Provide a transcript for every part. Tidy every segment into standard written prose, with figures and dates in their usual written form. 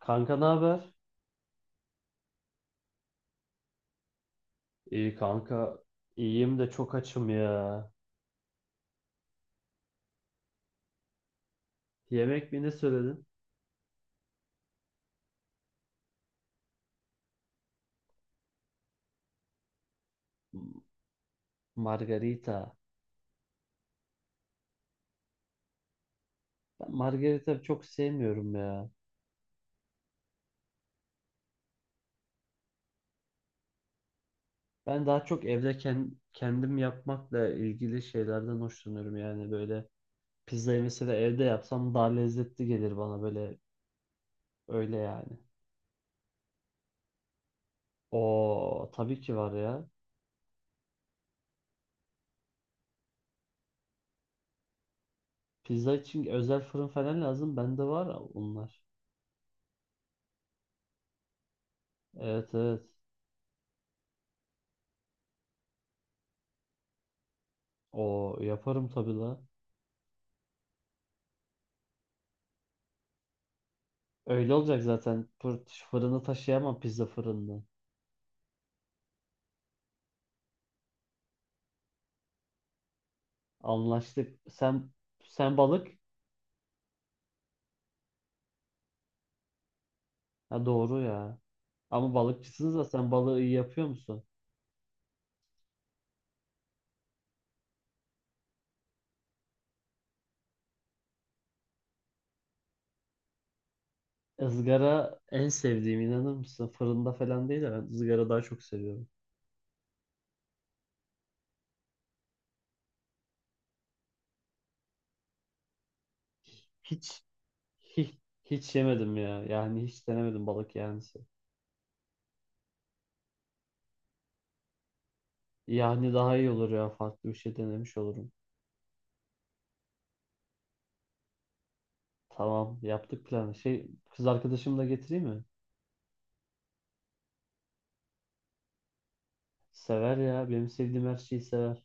Kanka ne haber? İyi kanka. İyiyim de çok açım ya. Yemek mi ne söyledin? Margarita. Ben margarita çok sevmiyorum ya. Ben daha çok evde kendim yapmakla ilgili şeylerden hoşlanıyorum, yani böyle pizzayı mesela evde yapsam daha lezzetli gelir bana, böyle öyle yani. O tabii ki var ya. Pizza için özel fırın falan lazım. Bende var onlar. Evet evet. O yaparım tabii la. Öyle olacak zaten. Fırını taşıyamam, pizza fırını. Anlaştık. Sen balık. Ha doğru ya. Ama balıkçısınız da sen balığı iyi yapıyor musun? Izgara en sevdiğim, inanır mısın? Fırında falan değil de ben ızgara daha çok seviyorum. Hiç hiç hiç yemedim ya. Yani hiç denemedim balık yani. Yani daha iyi olur ya. Farklı bir şey denemiş olurum. Tamam, yaptık planı. Şey, kız arkadaşımı da getireyim mi? Sever ya. Benim sevdiğim her şeyi sever.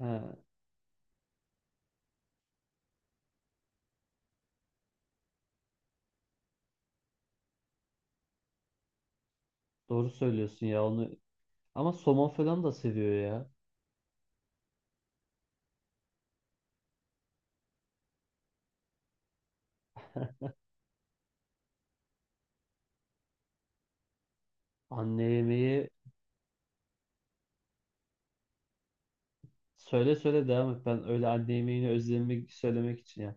He. Doğru söylüyorsun ya onu. Ama somon falan da seviyor ya. Anne yemeği, söyle söyle, devam et. Ben öyle anne yemeğini özlemek söylemek için ya.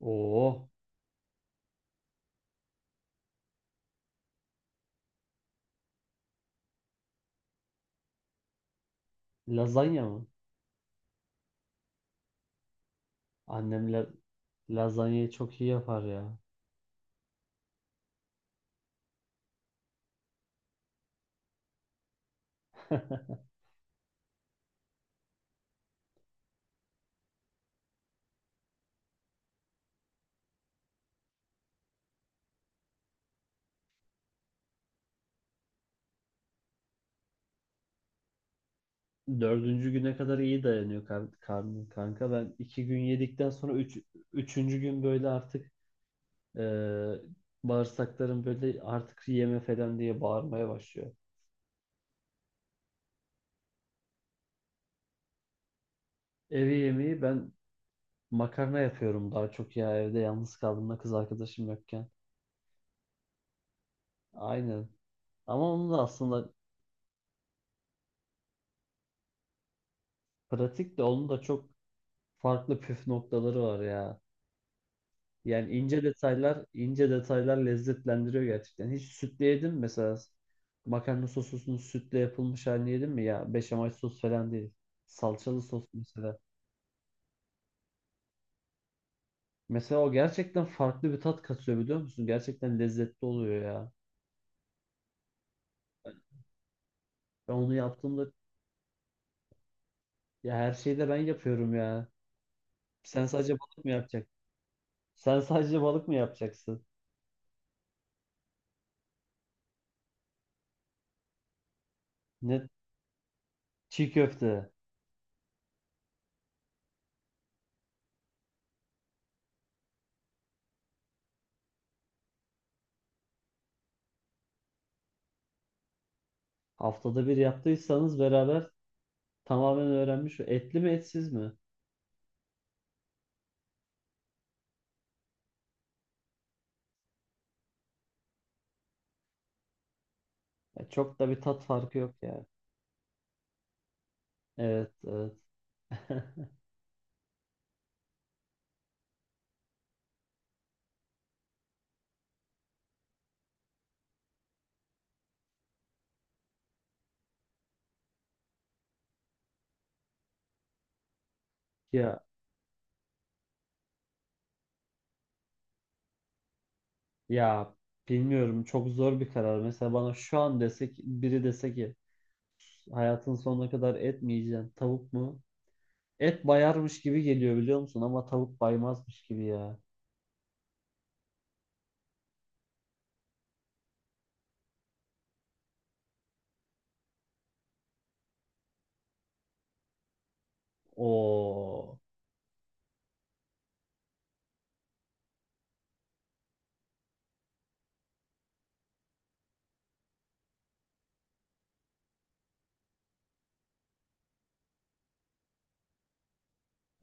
Oo, lazanya mı? Annem la- Lazanyayı çok iyi yapar ya. Dördüncü güne kadar iyi dayanıyor karnım kanka. Ben iki gün yedikten sonra üç, üçüncü gün böyle artık eee bağırsaklarım böyle artık yeme falan diye bağırmaya başlıyor. Evi yemeği ben makarna yapıyorum daha çok ya, evde yalnız kaldığımda kız arkadaşım yokken. Aynen. Ama onun da aslında pratik, de onun da çok farklı püf noktaları var ya. Yani ince detaylar, ince detaylar lezzetlendiriyor gerçekten. Hiç sütle yedin mi mesela? Makarna sosusunun sütle yapılmış halini yedin mi ya? Beşamel sos falan değil. Salçalı sos mesela. Mesela o gerçekten farklı bir tat katıyor, biliyor musun? Gerçekten lezzetli oluyor ya. Ben onu yaptığımda, ya her şeyi de ben yapıyorum ya. Sen sadece balık mı yapacaksın? Sen sadece balık mı yapacaksın? Ne, çiğ köfte. Haftada bir yaptıysanız beraber tamamen öğrenmiş. Etli mi etsiz mi? Ya çok da bir tat farkı yok ya. Evet, evet. Ya ya bilmiyorum, çok zor bir karar. Mesela bana şu an desek, biri dese ki hayatın sonuna kadar et mi yiyeceksin? Tavuk mu? Et bayarmış gibi geliyor, biliyor musun? Ama tavuk baymazmış gibi ya. Oo.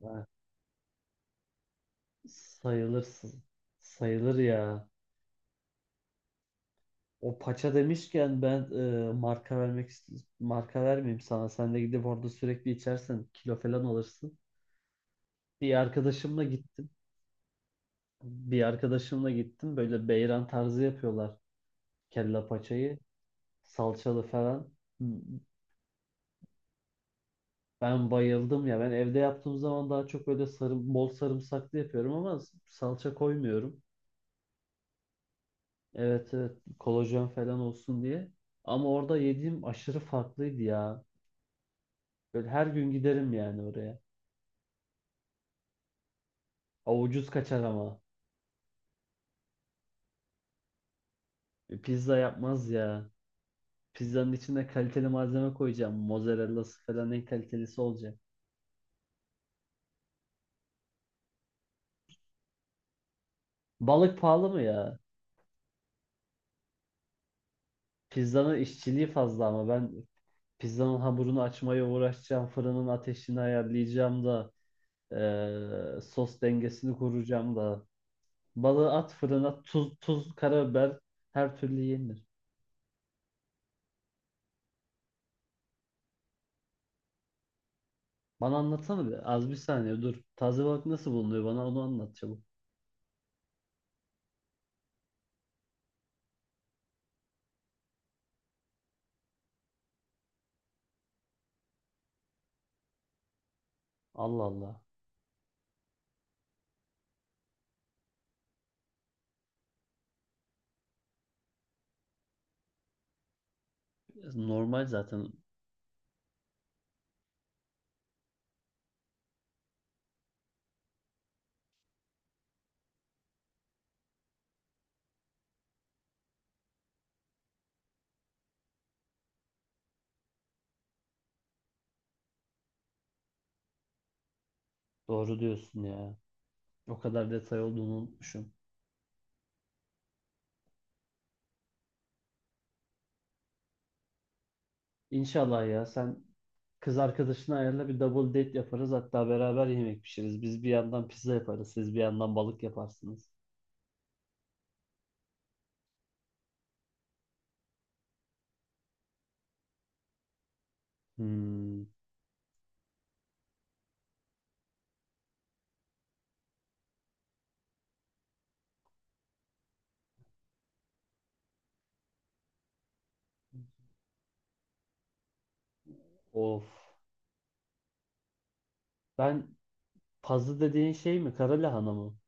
Ha, sayılırsın. Sayılır ya. O paça demişken ben, e, marka vermek ist- marka vermeyeyim sana. Sen de gidip orada sürekli içersen kilo falan alırsın. Bir arkadaşımla gittim. Bir arkadaşımla gittim. Böyle beyran tarzı yapıyorlar kelle paçayı. Salçalı falan. Ben bayıldım ya. Ben evde yaptığım zaman daha çok böyle sarı, bol sarımsaklı yapıyorum ama salça koymuyorum. Evet evet, kolajen falan olsun diye. Ama orada yediğim aşırı farklıydı ya. Böyle her gün giderim yani oraya. O ucuz kaçar ama. Pizza yapmaz ya. Pizzanın içine kaliteli malzeme koyacağım. Mozzarella'sı falan en kalitelisi olacak. Balık pahalı mı ya? Pizzanın işçiliği fazla, ama ben pizzanın hamurunu açmaya uğraşacağım. Fırının ateşini ayarlayacağım da. Sos dengesini kuracağım da. Balığı at fırına, tuz, karabiber, her türlü yenir. Bana anlatsana bir. Az bir saniye dur. Taze balık nasıl bulunuyor? Bana onu anlat çabuk. Allah Allah. Normal zaten. Doğru diyorsun ya. O kadar detay olduğunu unutmuşum. İnşallah ya, sen kız arkadaşını ayarla, bir double date yaparız. Hatta beraber yemek pişiririz. Biz bir yandan pizza yaparız. Siz bir yandan balık yaparsınız. Hmm, of. Ben, pazı dediğin şey mi? Kara lahana mı?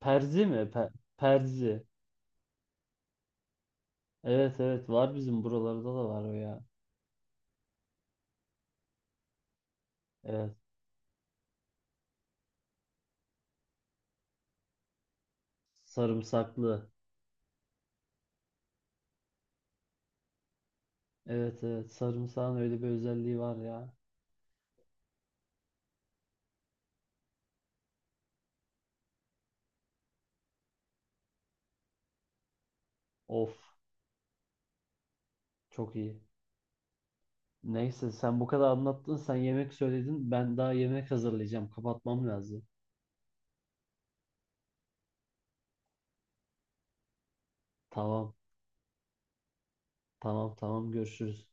Perzi mi? Perzi. Evet evet, var bizim buralarda da var o ya. Evet. Sarımsaklı. Evet evet, sarımsağın öyle bir özelliği var ya. Of, çok iyi. Neyse, sen bu kadar anlattın. Sen yemek söyledin. Ben daha yemek hazırlayacağım. Kapatmam lazım. Tamam. Tamam tamam, görüşürüz.